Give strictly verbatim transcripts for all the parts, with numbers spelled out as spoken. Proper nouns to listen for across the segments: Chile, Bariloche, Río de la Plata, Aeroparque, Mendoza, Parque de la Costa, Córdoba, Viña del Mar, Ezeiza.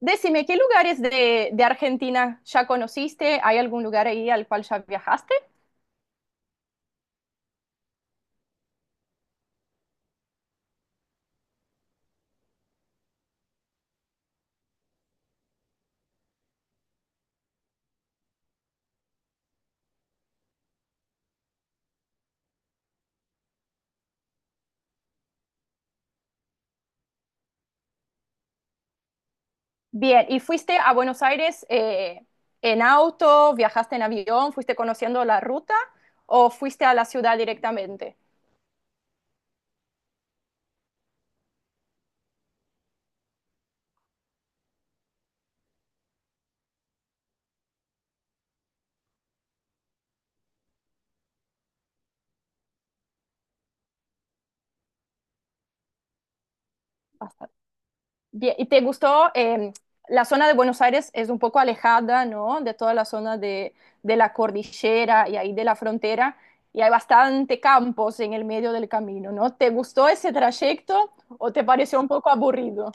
Decime, ¿qué lugares de, de Argentina ya conociste? ¿Hay algún lugar ahí al cual ya viajaste? Bien, ¿y fuiste a Buenos Aires eh, en auto? ¿Viajaste en avión? ¿Fuiste conociendo la ruta? ¿O fuiste a la ciudad directamente? Bastante. Bien, ¿y te gustó? Eh, la zona de Buenos Aires es un poco alejada, ¿no? De toda la zona de, de la cordillera y ahí de la frontera, y hay bastante campos en el medio del camino, ¿no? ¿Te gustó ese trayecto o te pareció un poco aburrido?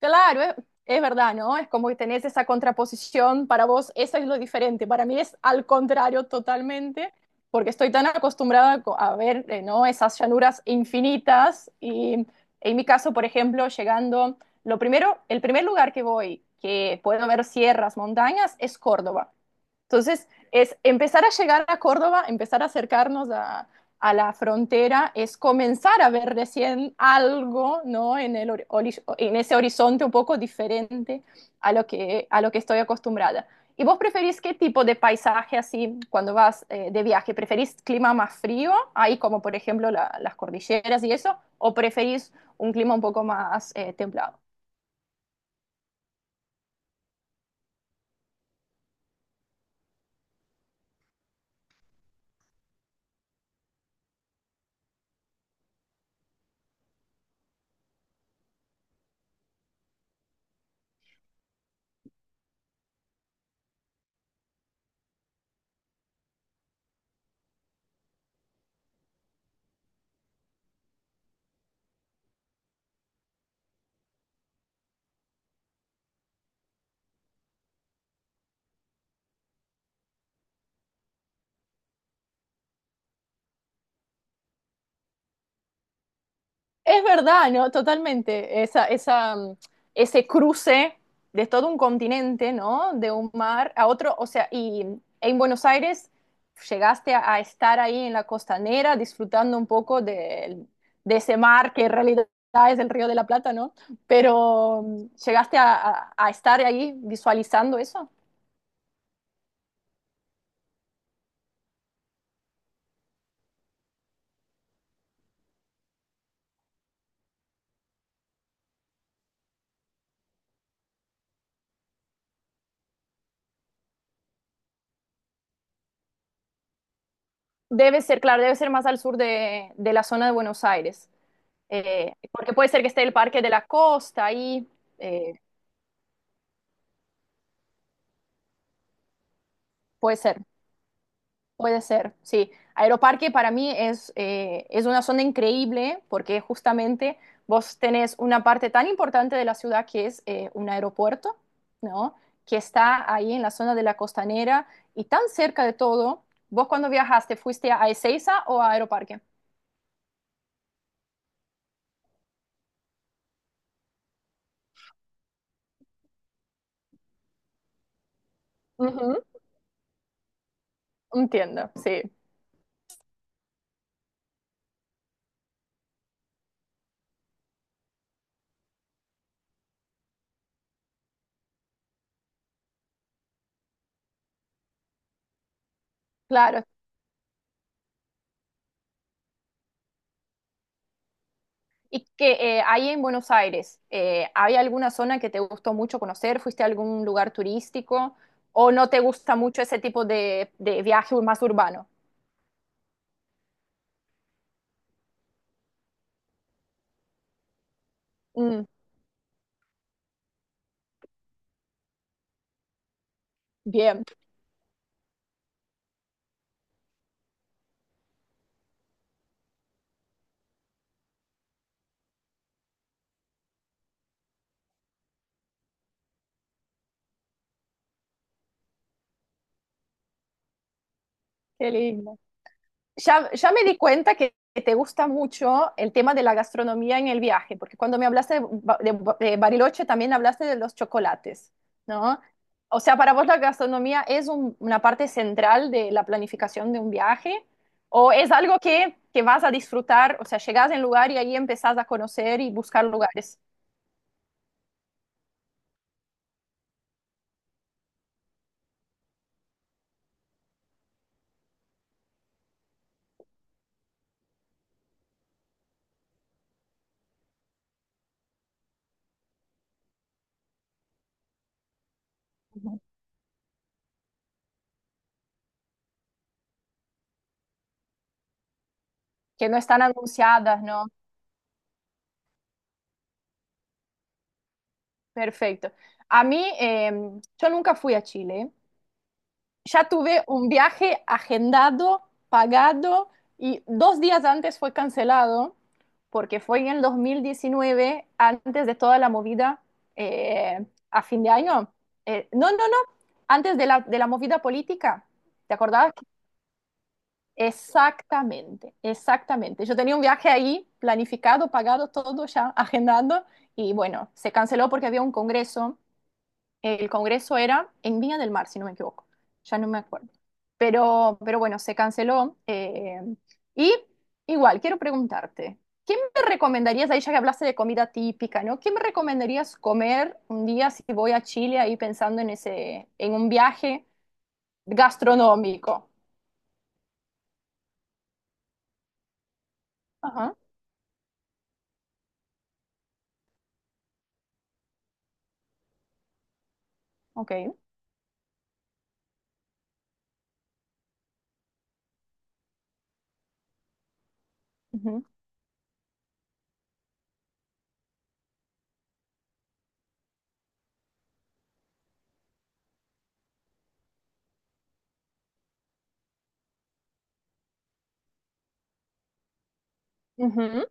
Claro, es, es verdad, ¿no? Es como que tenés esa contraposición, para vos eso es lo diferente, para mí es al contrario totalmente, porque estoy tan acostumbrada co- a ver, eh, ¿no? Esas llanuras infinitas y en mi caso, por ejemplo, llegando, lo primero, el primer lugar que voy, que puedo ver sierras, montañas, es Córdoba. Entonces, es empezar a llegar a Córdoba, empezar a acercarnos a, a la frontera, es comenzar a ver recién algo, ¿no? En el, hori- en ese horizonte un poco diferente a lo que, a lo que estoy acostumbrada. ¿Y vos preferís qué tipo de paisaje así cuando vas eh, de viaje? ¿Preferís clima más frío, ahí como por ejemplo la- las cordilleras y eso? ¿O preferís un clima un poco más eh, templado? Es verdad, ¿no? Totalmente. Esa, esa, mm, ese cruce de todo un continente, ¿no? De un mar a otro. O sea, y en Buenos Aires llegaste a, a estar ahí en la costanera disfrutando un poco del- de ese mar que en realidad es el Río de la Plata, ¿no? Pero mm, llegaste a, a- a estar ahí visualizando eso. Debe ser, claro, debe ser más al sur de, de la zona de Buenos Aires. Eh, porque puede ser que esté el Parque de la Costa ahí. eh, Puede ser. Puede ser, sí. Aeroparque para mí es, eh, es una zona increíble porque justamente vos tenés una parte tan importante de la ciudad que es eh, un aeropuerto, ¿no? Que está ahí en la zona de la costanera y tan cerca de todo. ¿Vos cuando viajaste fuiste a Ezeiza o a Aeroparque? Ujú. Entiendo, sí. Claro. Y que eh, ahí en Buenos Aires, eh, ¿hay alguna zona que te gustó mucho conocer? ¿Fuiste a algún lugar turístico? ¿O no te gusta mucho ese tipo de, de viaje más urbano? Mm, bien, qué lindo. Ya, ya me di cuenta que te gusta mucho el tema de la gastronomía en el viaje, porque cuando me hablaste de, Ba- de Ba- de Bariloche también hablaste de los chocolates, ¿no? O sea, para vos la gastronomía es un- una parte central de la planificación de un viaje, o es algo que, que vas a disfrutar, o sea, llegás en lugar y ahí empezás a conocer y buscar lugares que no están anunciadas, ¿no? Perfecto. A mí, eh, yo nunca fui a Chile. Ya tuve un viaje agendado, pagado y dos días antes fue cancelado porque fue en el dos mil diecinueve, antes de toda la movida eh, a fin de año. Eh, no, no, no, antes de la, de la movida política. ¿Te acordabas? Exactamente, exactamente. Yo tenía un viaje ahí planificado, pagado todo ya, agendando y bueno, se canceló porque había un congreso. El congreso era en Viña del Mar, si no me equivoco. Ya no me acuerdo. Pero, pero bueno, se canceló. Eh, y igual, quiero preguntarte, ¿qué me recomendarías, ahí ya que hablaste de comida típica, ¿no? ¿Qué me recomendarías comer un día si voy a Chile ahí pensando en ese, en un viaje gastronómico? Ajá, ok. Ujú, ujú.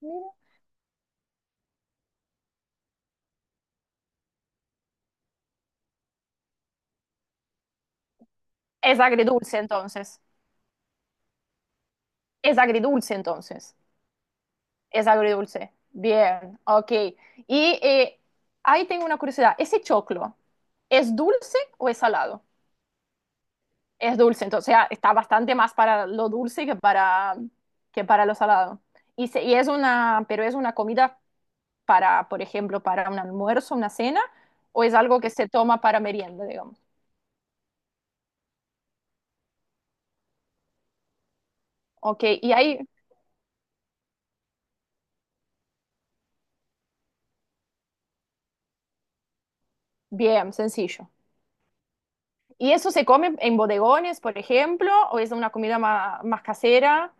Mira. Es agridulce entonces. Es agridulce entonces. Es agridulce. Bien, ok. Y eh, ahí tengo una curiosidad. ¿Ese choclo es dulce o es salado? Es dulce, entonces ah, está bastante más para lo dulce que para, que para lo salado. Y, se- y es una, pero es una comida para, por ejemplo, para un almuerzo, una cena, o es algo que se toma para merienda, digamos. Ok, y ahí, bien, sencillo. ¿Y eso se come en bodegones, por ejemplo, o es una comida ma- más casera?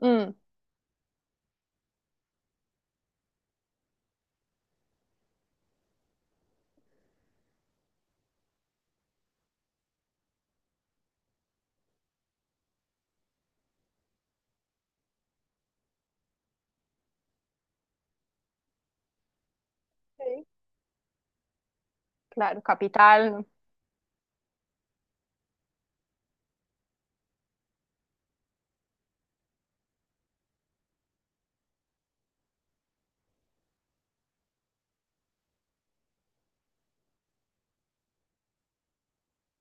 Mm, ok. Claro, capital.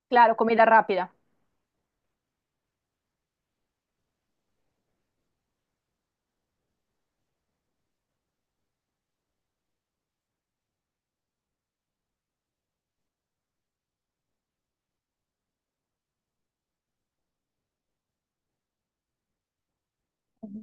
Claro, comida rápida. Ujú.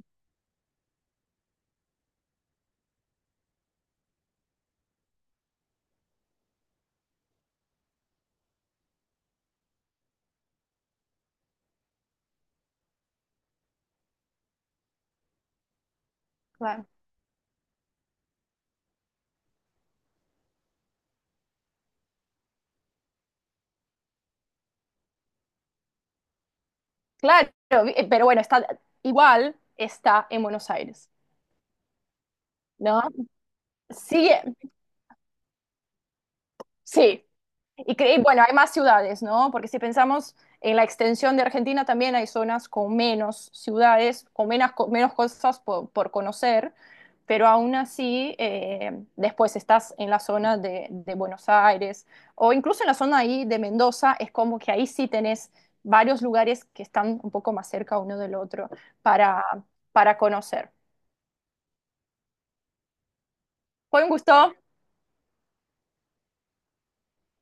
Claro. Claro, eh, pero bueno, está igual, está en Buenos Aires, ¿no? Sí, eh, sí. Y, cre- y bueno, hay más ciudades, ¿no? Porque si pensamos en la extensión de Argentina, también hay zonas con menos ciudades, con menos, co- menos cosas por, por conocer, pero aún así, eh, después estás en la zona de, de Buenos Aires o incluso en la zona ahí de Mendoza, es como que ahí sí tenés varios lugares que están un poco más cerca uno del otro para, para conocer. Fue un gusto.